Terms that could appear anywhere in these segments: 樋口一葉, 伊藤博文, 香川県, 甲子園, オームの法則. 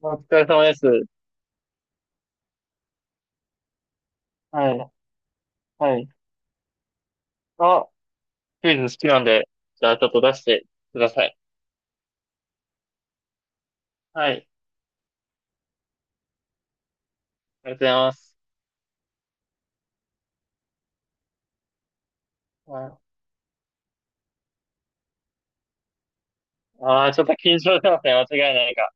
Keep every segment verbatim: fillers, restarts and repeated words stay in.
お疲れ様です。はい。はい。あ、クイズ好きなんで、じゃあちょっと出してください。はい。ありがとうございます。ああー、ちょっと緊張してますね。間違いないか。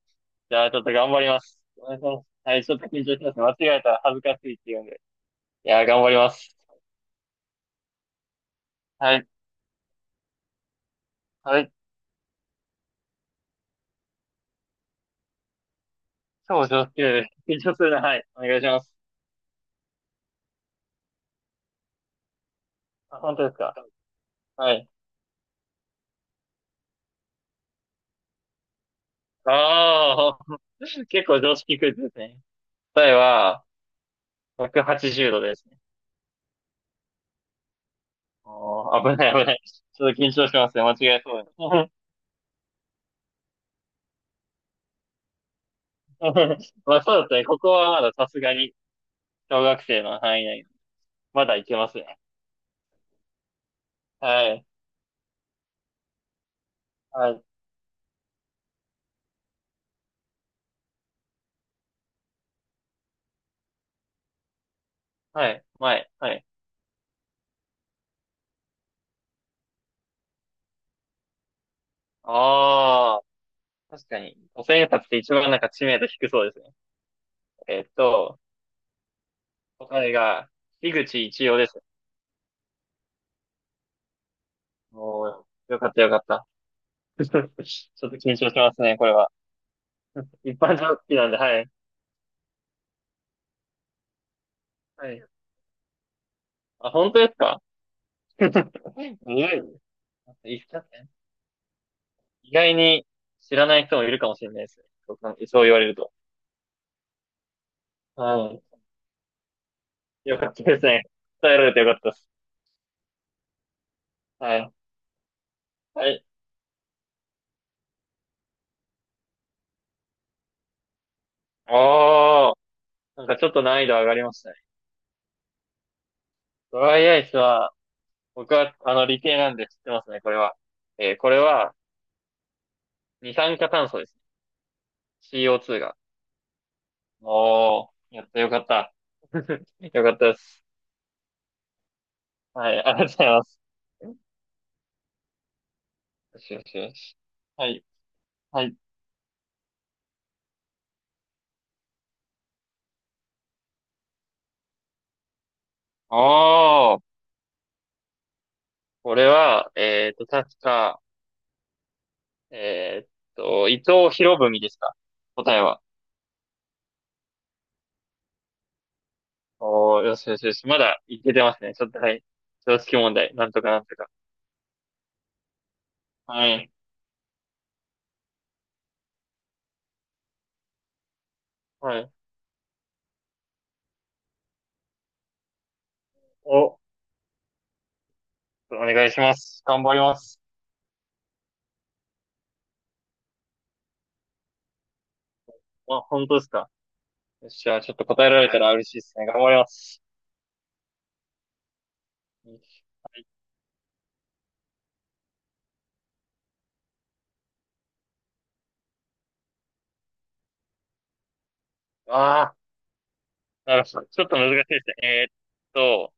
じゃあちょっと頑張ります。お願いします。はい、ちょっと緊張してますね。間違えたら恥ずかしいって言うんで。いやー、頑張ります。はい。はい。超上級です。緊張するな。はい。お願いします。あ、本当ですか。はい。ああ、結構常識クイズですね。答えは、ひゃくはちじゅうどです。ああ、危ない危ない。ちょっと緊張しますね。間違えそうだね。まあそうですね。ここはまださすがに小学生の範囲内。まだいけますね。はい。はい。はい。前。はい。ああ、確かに。ごせんえんさつって一番なんか知名度低そうですね。えっと、答えが、樋口一葉です。もう、よかったよかった。ちょっと緊張しますね、これは。一般常識なんで、はい。はい。あ、本当ですか？ すごい。 一冊意外に知らない人もいるかもしれないですね。そうかそう言われると。はい。よかったですね。伝えられてよかったです。はい。はい。おー。なんかちょっと難易度上がりましたね。ドライアイスは、僕は、あの、理系なんで知ってますね、これは。えーこれは、二酸化炭素ですね。シーオーツー が。おー。やった、よかった。よかったです。はい、ありがとうございます。よしよしよし。はい、はい。おー。これは、えっと、確か、えーっと、伊藤博文ですか？答えは。おー、よしよしよし。まだいけてますね。ちょっと、はい。常識問題。なんとかなんとか。はい。はい。お、お願いします。頑張ります。あ、本当ですか。よっしゃ、ちょっと答えられたら嬉しいですね。頑張ります。はい。あー、なるほど。ちょっと難しいですね。えーっと、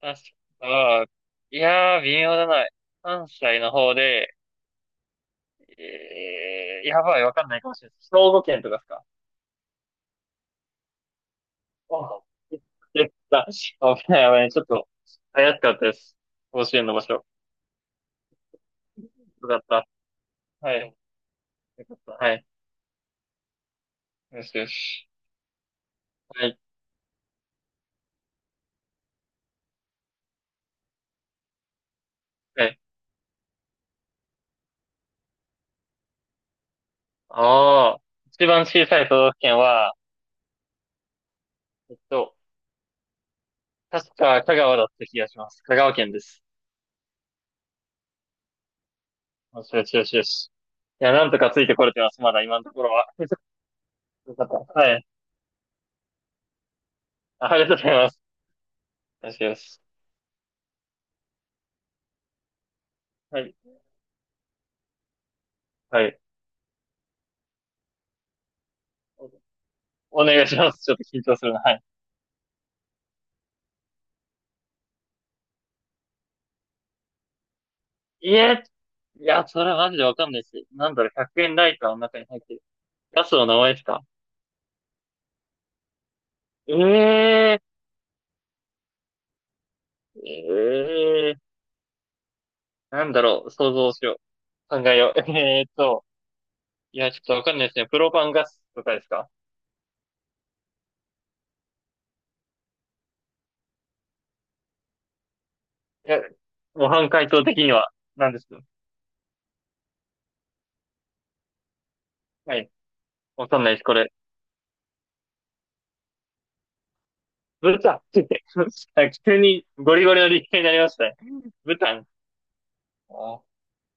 確か、いやー、微妙だな。関西の方で、えー、やばい、わかんないかもしれないです。兵庫県とかですか？あ、でた、危ない危ない。ちょっと、怪しかったです。甲子園の場所。よかった。はい。よかった。はい。よしよし。はい。はい。ああ、一番小さい都道府県は、えっと、確か香川だった気がします。香川県です。よしよしよしよし。いや、なんとかついてこれてます。まだ今のところは。よかった。はい。あありがとうございます。よしよし。はい。はい。おお願いします。ちょっと緊張するな。はい。いえー、いや、それはマジでわかんないし。なんだろう、ひゃくえんライターの中に入ってる。ガスの名前ですか？ええーええーなんだろう、想像しよう。考えよう。えーっと、いや、ちょっとわかんないですね。プロパンガスとかですか？いや、模範解答的には、なんですか？はい。わかんないです、これ。ブタンって言って。 あ、急にゴリゴリの立体になりましたね。ブタン。あ、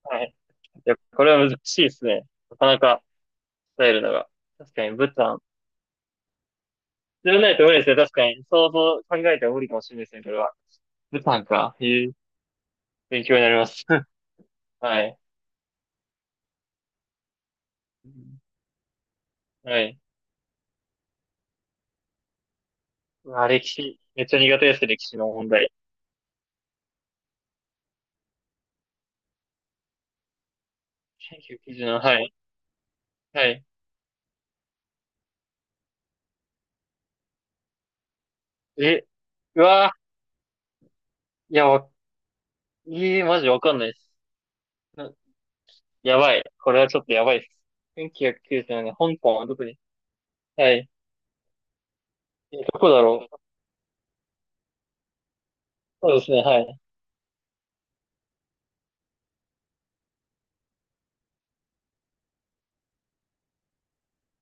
はい。いや、これは難しいですね。なかなか伝えるのが。確かにブタン。知らないと無理ですね。確かに。想像、考えても無理かもしれないですね、これは。ブタンか。いう勉強になります。はい。はい。うわ、歴史。めっちゃ苦手ですね、歴史の問題。せんきゅうひゃくきゅうじゅうなな、はい。はい。え、うわ、いや、わ、えー、マジわかんないです。な、やばい。これはちょっとやばいです。せんきゅうひゃくきゅうじゅうななねん、香港はどこに？はい。え、どこだろう？そうですね、はい。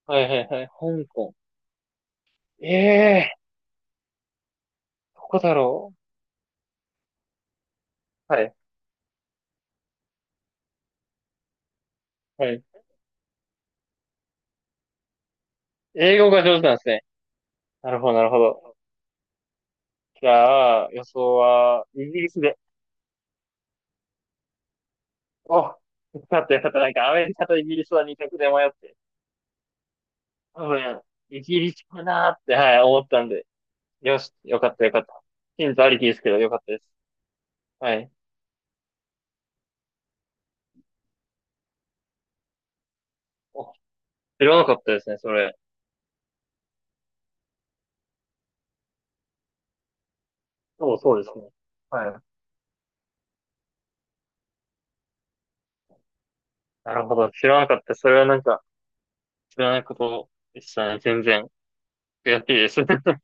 はいはいはい。香港。ええー、どこだろう？はい。はい。英語が上手なんですね。なるほど、なるほど。じゃあ、予想は、イギリスで。お、よかったよかった。なんか、アメリカとイギリスはにたく択で迷って。多分、イギリスかなーって、はい、思ったんで。よし、よかったよかった。ヒントありきですけど、よかったです。はい。お、知らなかったですね、それ。そう、そうですね。はい。なるほど。知らなかった。それはなんか、知らないことでしたね。全然。悔しいです。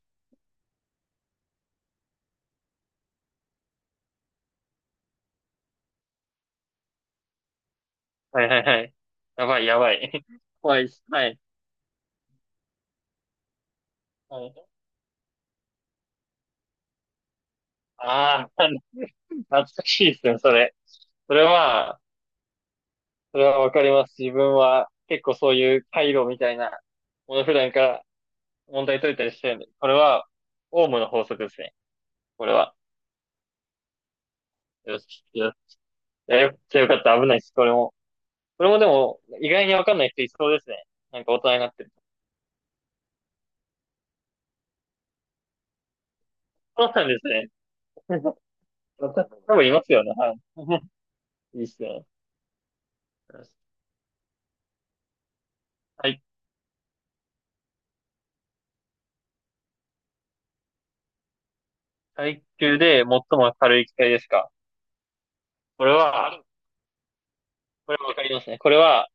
はいはいはい。やばいやばい。怖いです。はい。はい、ああ、懐かしいですね、それ。それは、それはわかります。自分は結構そういう回路みたいなもの普段から問題解いたりしてるんで、これはオームの法則ですね。これは。よし、よし。いや、よくよかった。危ないです。これも。これもでも、意外にわかんない人いそうですね。なんか大人になってる。そうなんですね。多分いますよね。はい。いいっすね。よし。はい。階級で最も軽い機体ですか？これは、これわかりますね。これは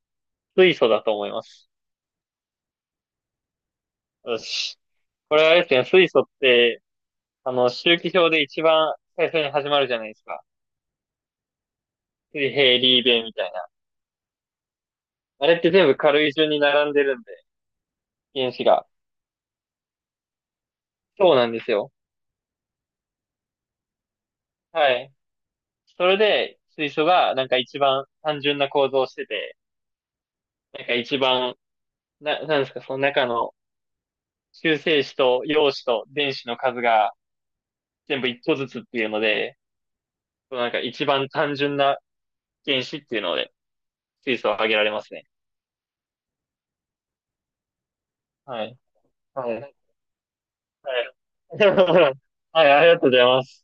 水素だと思います。よし。これはあれですね、水素って、あの、周期表で一番最初に始まるじゃないですか。水平、リーベみたいな。あれって全部軽い順に並んでるんで、原子が。そうなんですよ。はい。それで、水素がなんか一番単純な構造をしてて、なんか一番、な、なんですか、その中の中性子と陽子と電子の数が全部一個ずつっていうので、そのなんか一番単純な原子っていうので、水素を挙げられますね。はい。はい。はい。はい、ありがとうございます。